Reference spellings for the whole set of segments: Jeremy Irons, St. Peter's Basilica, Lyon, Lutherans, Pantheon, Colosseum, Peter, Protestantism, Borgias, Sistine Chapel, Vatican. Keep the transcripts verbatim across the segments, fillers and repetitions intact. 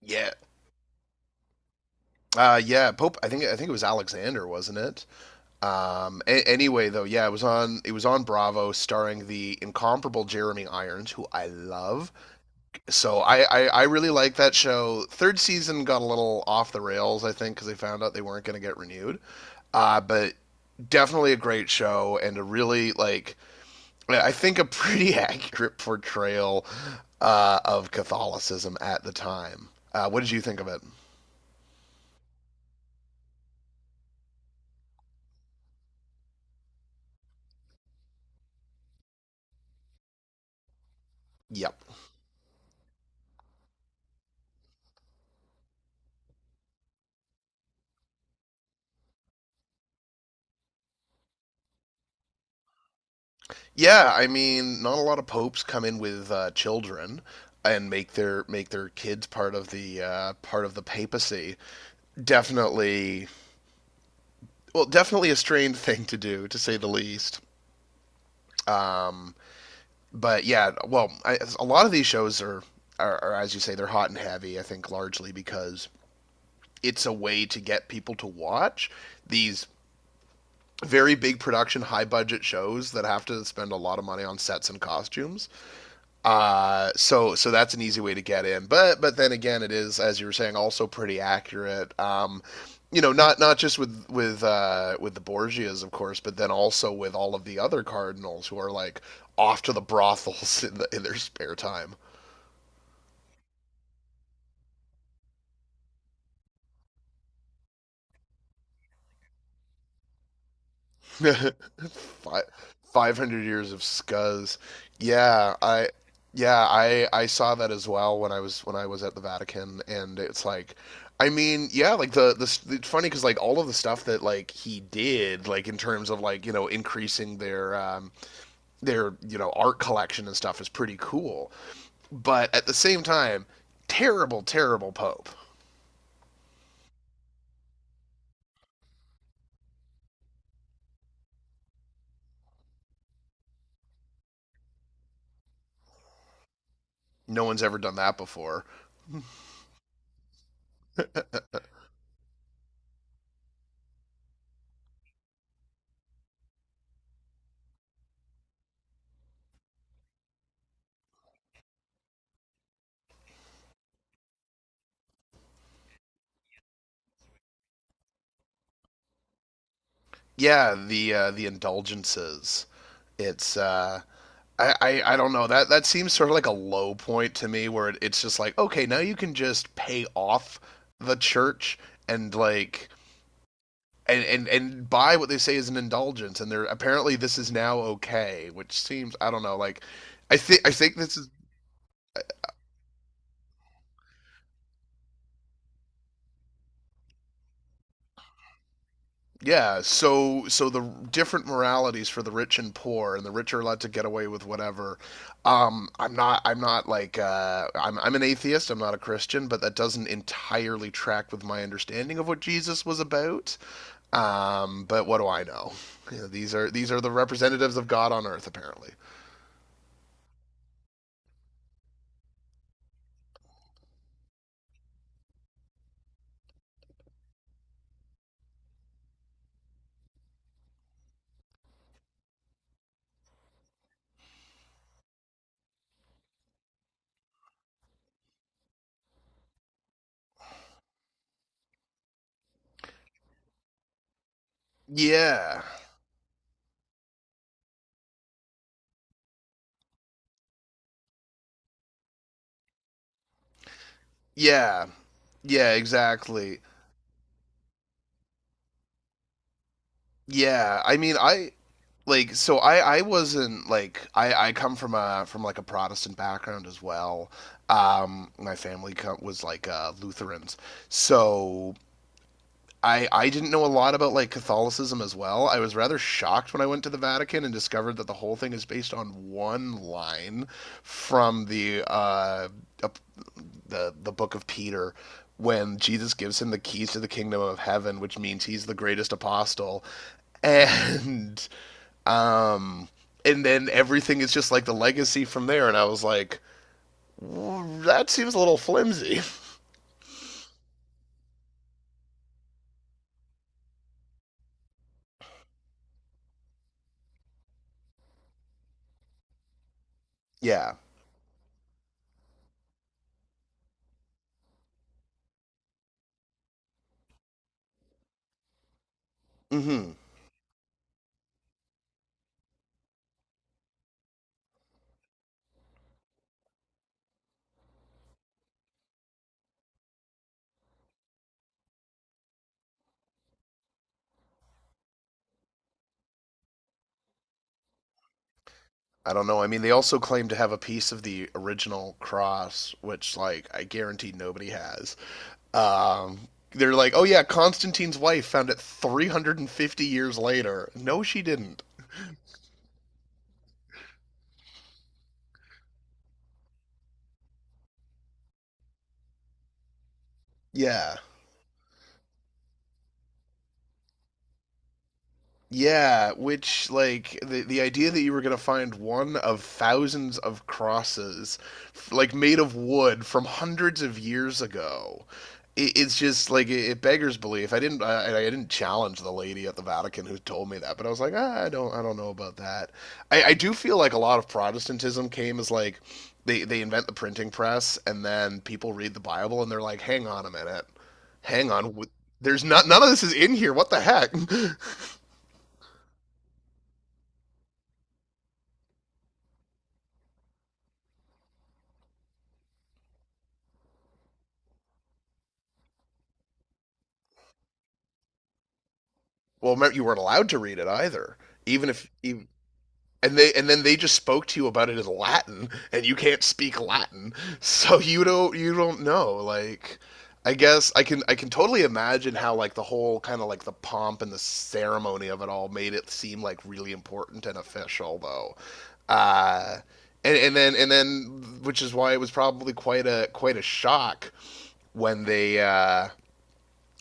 Yeah. Uh, yeah, Pope. I think I think it was Alexander, wasn't it? Um, a- anyway, though, yeah, it was on it was on Bravo, starring the incomparable Jeremy Irons, who I love. So I I, I really like that show. Third season got a little off the rails, I think, because they found out they weren't going to get renewed. Uh, but definitely a great show and a really like I think a pretty accurate portrayal uh, of Catholicism at the time. Uh, what did you think of it? Yep. Yeah, I mean, not a lot of popes come in with uh, children and make their make their kids part of the uh, part of the papacy. Definitely, well, definitely a strange thing to do, to say the least. Um, but yeah, well, I, a lot of these shows are, are are as you say, they're hot and heavy. I think largely because it's a way to get people to watch these very big production, high budget shows that have to spend a lot of money on sets and costumes. Uh, so so that's an easy way to get in. But but then again, it is, as you were saying, also pretty accurate. Um, you know, not not just with with uh, with the Borgias, of course, but then also with all of the other cardinals who are like off to the brothels in, the, in their spare time. Five hundred years of scuzz. Yeah, I yeah, I I saw that as well when I was when I was at the Vatican, and it's like, I mean, yeah, like the the s- it's funny because like all of the stuff that like he did, like in terms of like you know increasing their um their you know art collection and stuff is pretty cool, but at the same time, terrible, terrible pope. No one's ever done that before. Yeah, the uh, the indulgences. It's uh I, I, I don't know, that that seems sort of like a low point to me where it, it's just like okay, now you can just pay off the church and like and, and and buy what they say is an indulgence and they're apparently this is now okay, which seems I don't know, like I think I think this is Yeah, so so the different moralities for the rich and poor, and the rich are allowed to get away with whatever. Um, I'm not I'm not like uh, I'm I'm an atheist. I'm not a Christian, but that doesn't entirely track with my understanding of what Jesus was about. Um, but what do I know? You know, these are these are the representatives of God on earth, apparently. Yeah, yeah, yeah, exactly. Yeah, I mean, I like so I I wasn't like I I come from a from like a Protestant background as well. Um, my family was like uh, Lutherans, so I I didn't know a lot about like Catholicism as well. I was rather shocked when I went to the Vatican and discovered that the whole thing is based on one line from the uh the the book of Peter when Jesus gives him the keys to the kingdom of heaven, which means he's the greatest apostle. And um, and then everything is just like the legacy from there. And I was like, "Mm, that seems a little flimsy." Yeah. Hmm. I don't know. I mean, they also claim to have a piece of the original cross, which, like, I guarantee nobody has. Um, they're like, oh yeah, Constantine's wife found it three hundred fifty years later. No, she didn't. Yeah. Yeah, which like the the idea that you were gonna find one of thousands of crosses, like made of wood from hundreds of years ago, it, it's just like it, it beggars belief. I didn't I, I didn't challenge the lady at the Vatican who told me that, but I was like, ah, I don't I don't know about that. I, I do feel like a lot of Protestantism came as like they they invent the printing press and then people read the Bible and they're like, hang on a minute, hang on, wh- there's not none of this is in here. What the heck? Well, you weren't allowed to read it either, even if even, and they and then they just spoke to you about it as Latin, and you can't speak Latin, so you don't you don't know. Like, I guess I can I can totally imagine how like the whole kind of like the pomp and the ceremony of it all made it seem like really important and official though. Uh, and and then and then which is why it was probably quite a quite a shock when they uh,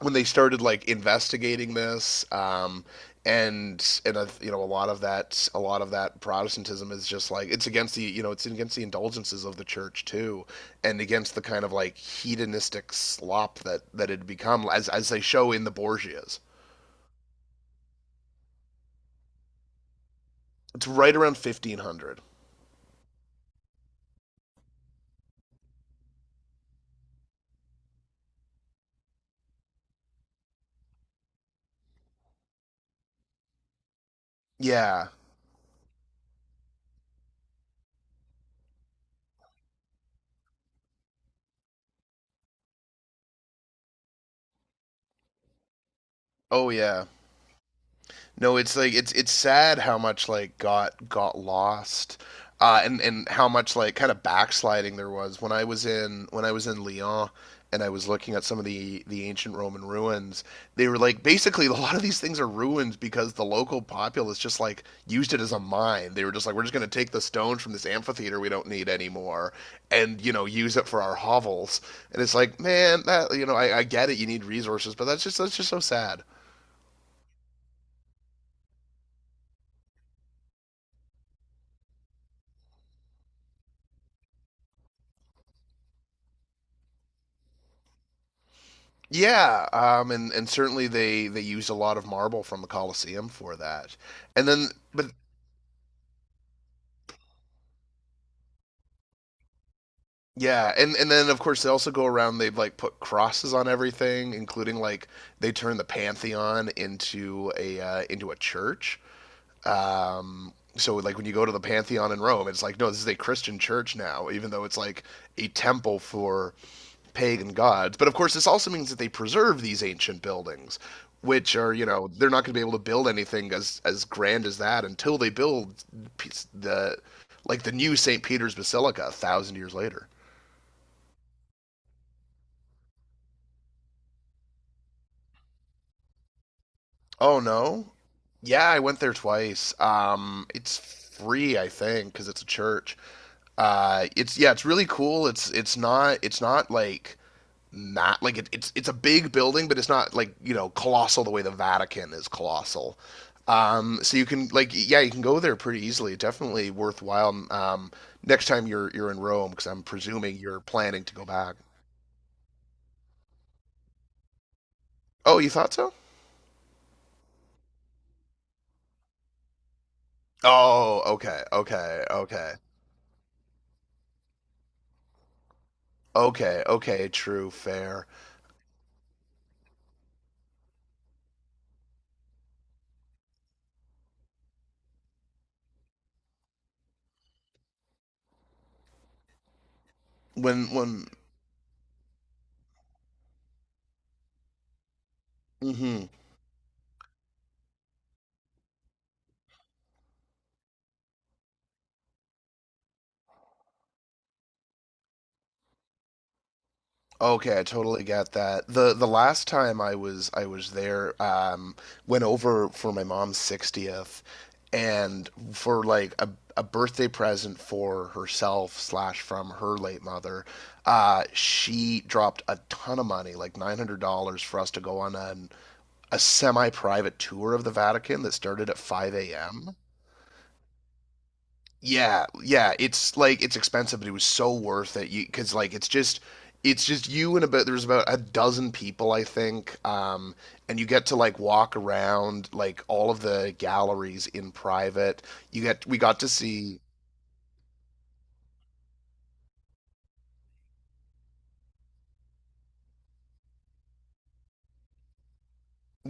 when they started like investigating this um, and and uh, you know a lot of that a lot of that Protestantism is just like it's against the you know it's against the indulgences of the church too, and against the kind of like hedonistic slop that that had become as as they show in the Borgias. It's right around fifteen hundred. Yeah. Oh yeah. No, it's like it's it's sad how much like got got lost, uh, and and how much like kind of backsliding there was when I was in when I was in Lyon and I was looking at some of the the ancient Roman ruins. They were like basically a lot of these things are ruins because the local populace just like used it as a mine. They were just like we're just going to take the stones from this amphitheater we don't need anymore and you know use it for our hovels. And it's like man, that you know I, I get it. You need resources, but that's just that's just so sad. Yeah, um, and and certainly they they used a lot of marble from the Colosseum for that, and then but yeah, and and then of course they also go around. They've like put crosses on everything, including like they turn the Pantheon into a uh, into a church. Um, so like when you go to the Pantheon in Rome, it's like no, this is a Christian church now, even though it's like a temple for pagan gods. But of course, this also means that they preserve these ancient buildings, which are you know they're not going to be able to build anything as as grand as that until they build the like the new Saint Peter's Basilica a thousand years later. Oh no, yeah, I went there twice. Um, it's free, I think, because it's a church. Uh, it's yeah, it's really cool. It's it's not it's not like not like it, it's it's a big building, but it's not like you know colossal the way the Vatican is colossal. Um, so you can like yeah, you can go there pretty easily. Definitely worthwhile. Um, next time you're you're in Rome, because I'm presuming you're planning to go back. Oh, you thought so? Oh, okay, okay, okay, okay, okay. True, fair. When when. Mhm. Okay, I totally get that. The the last time I was I was there, um, went over for my mom's sixtieth and for like a, a birthday present for herself slash from her late mother, uh, she dropped a ton of money, like nine hundred dollars for us to go on a a semi-private tour of the Vatican that started at five a m. Yeah, yeah, it's like it's expensive, but it was so worth it. You because like it's just it's just you and about there's about a dozen people I think, um, and you get to like walk around like all of the galleries in private. You get we got to see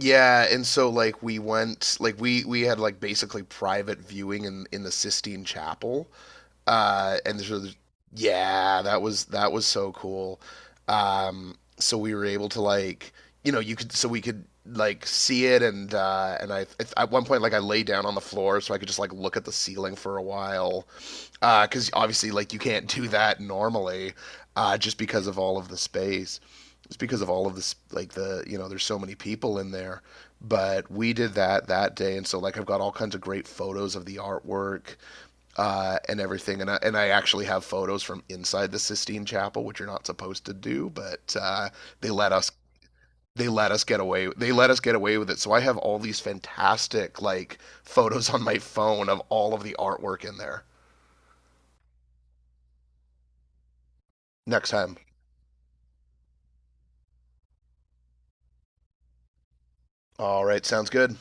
yeah, and so like we went like we we had like basically private viewing in in the Sistine Chapel. Uh, and so, yeah, that was that was so cool. Um, so we were able to like, you know, you could so we could like see it and uh and I at one point like I lay down on the floor so I could just like look at the ceiling for a while because uh cuz obviously like you can't do that normally uh just because of all of the space it's because of all of this like the you know there's so many people in there but we did that that day and so like I've got all kinds of great photos of the artwork uh, and everything. And I, and I actually have photos from inside the Sistine Chapel, which you're not supposed to do, but uh, they let us they let us get away they let us get away with it. So I have all these fantastic like photos on my phone of all of the artwork in there. Next time. All right, sounds good.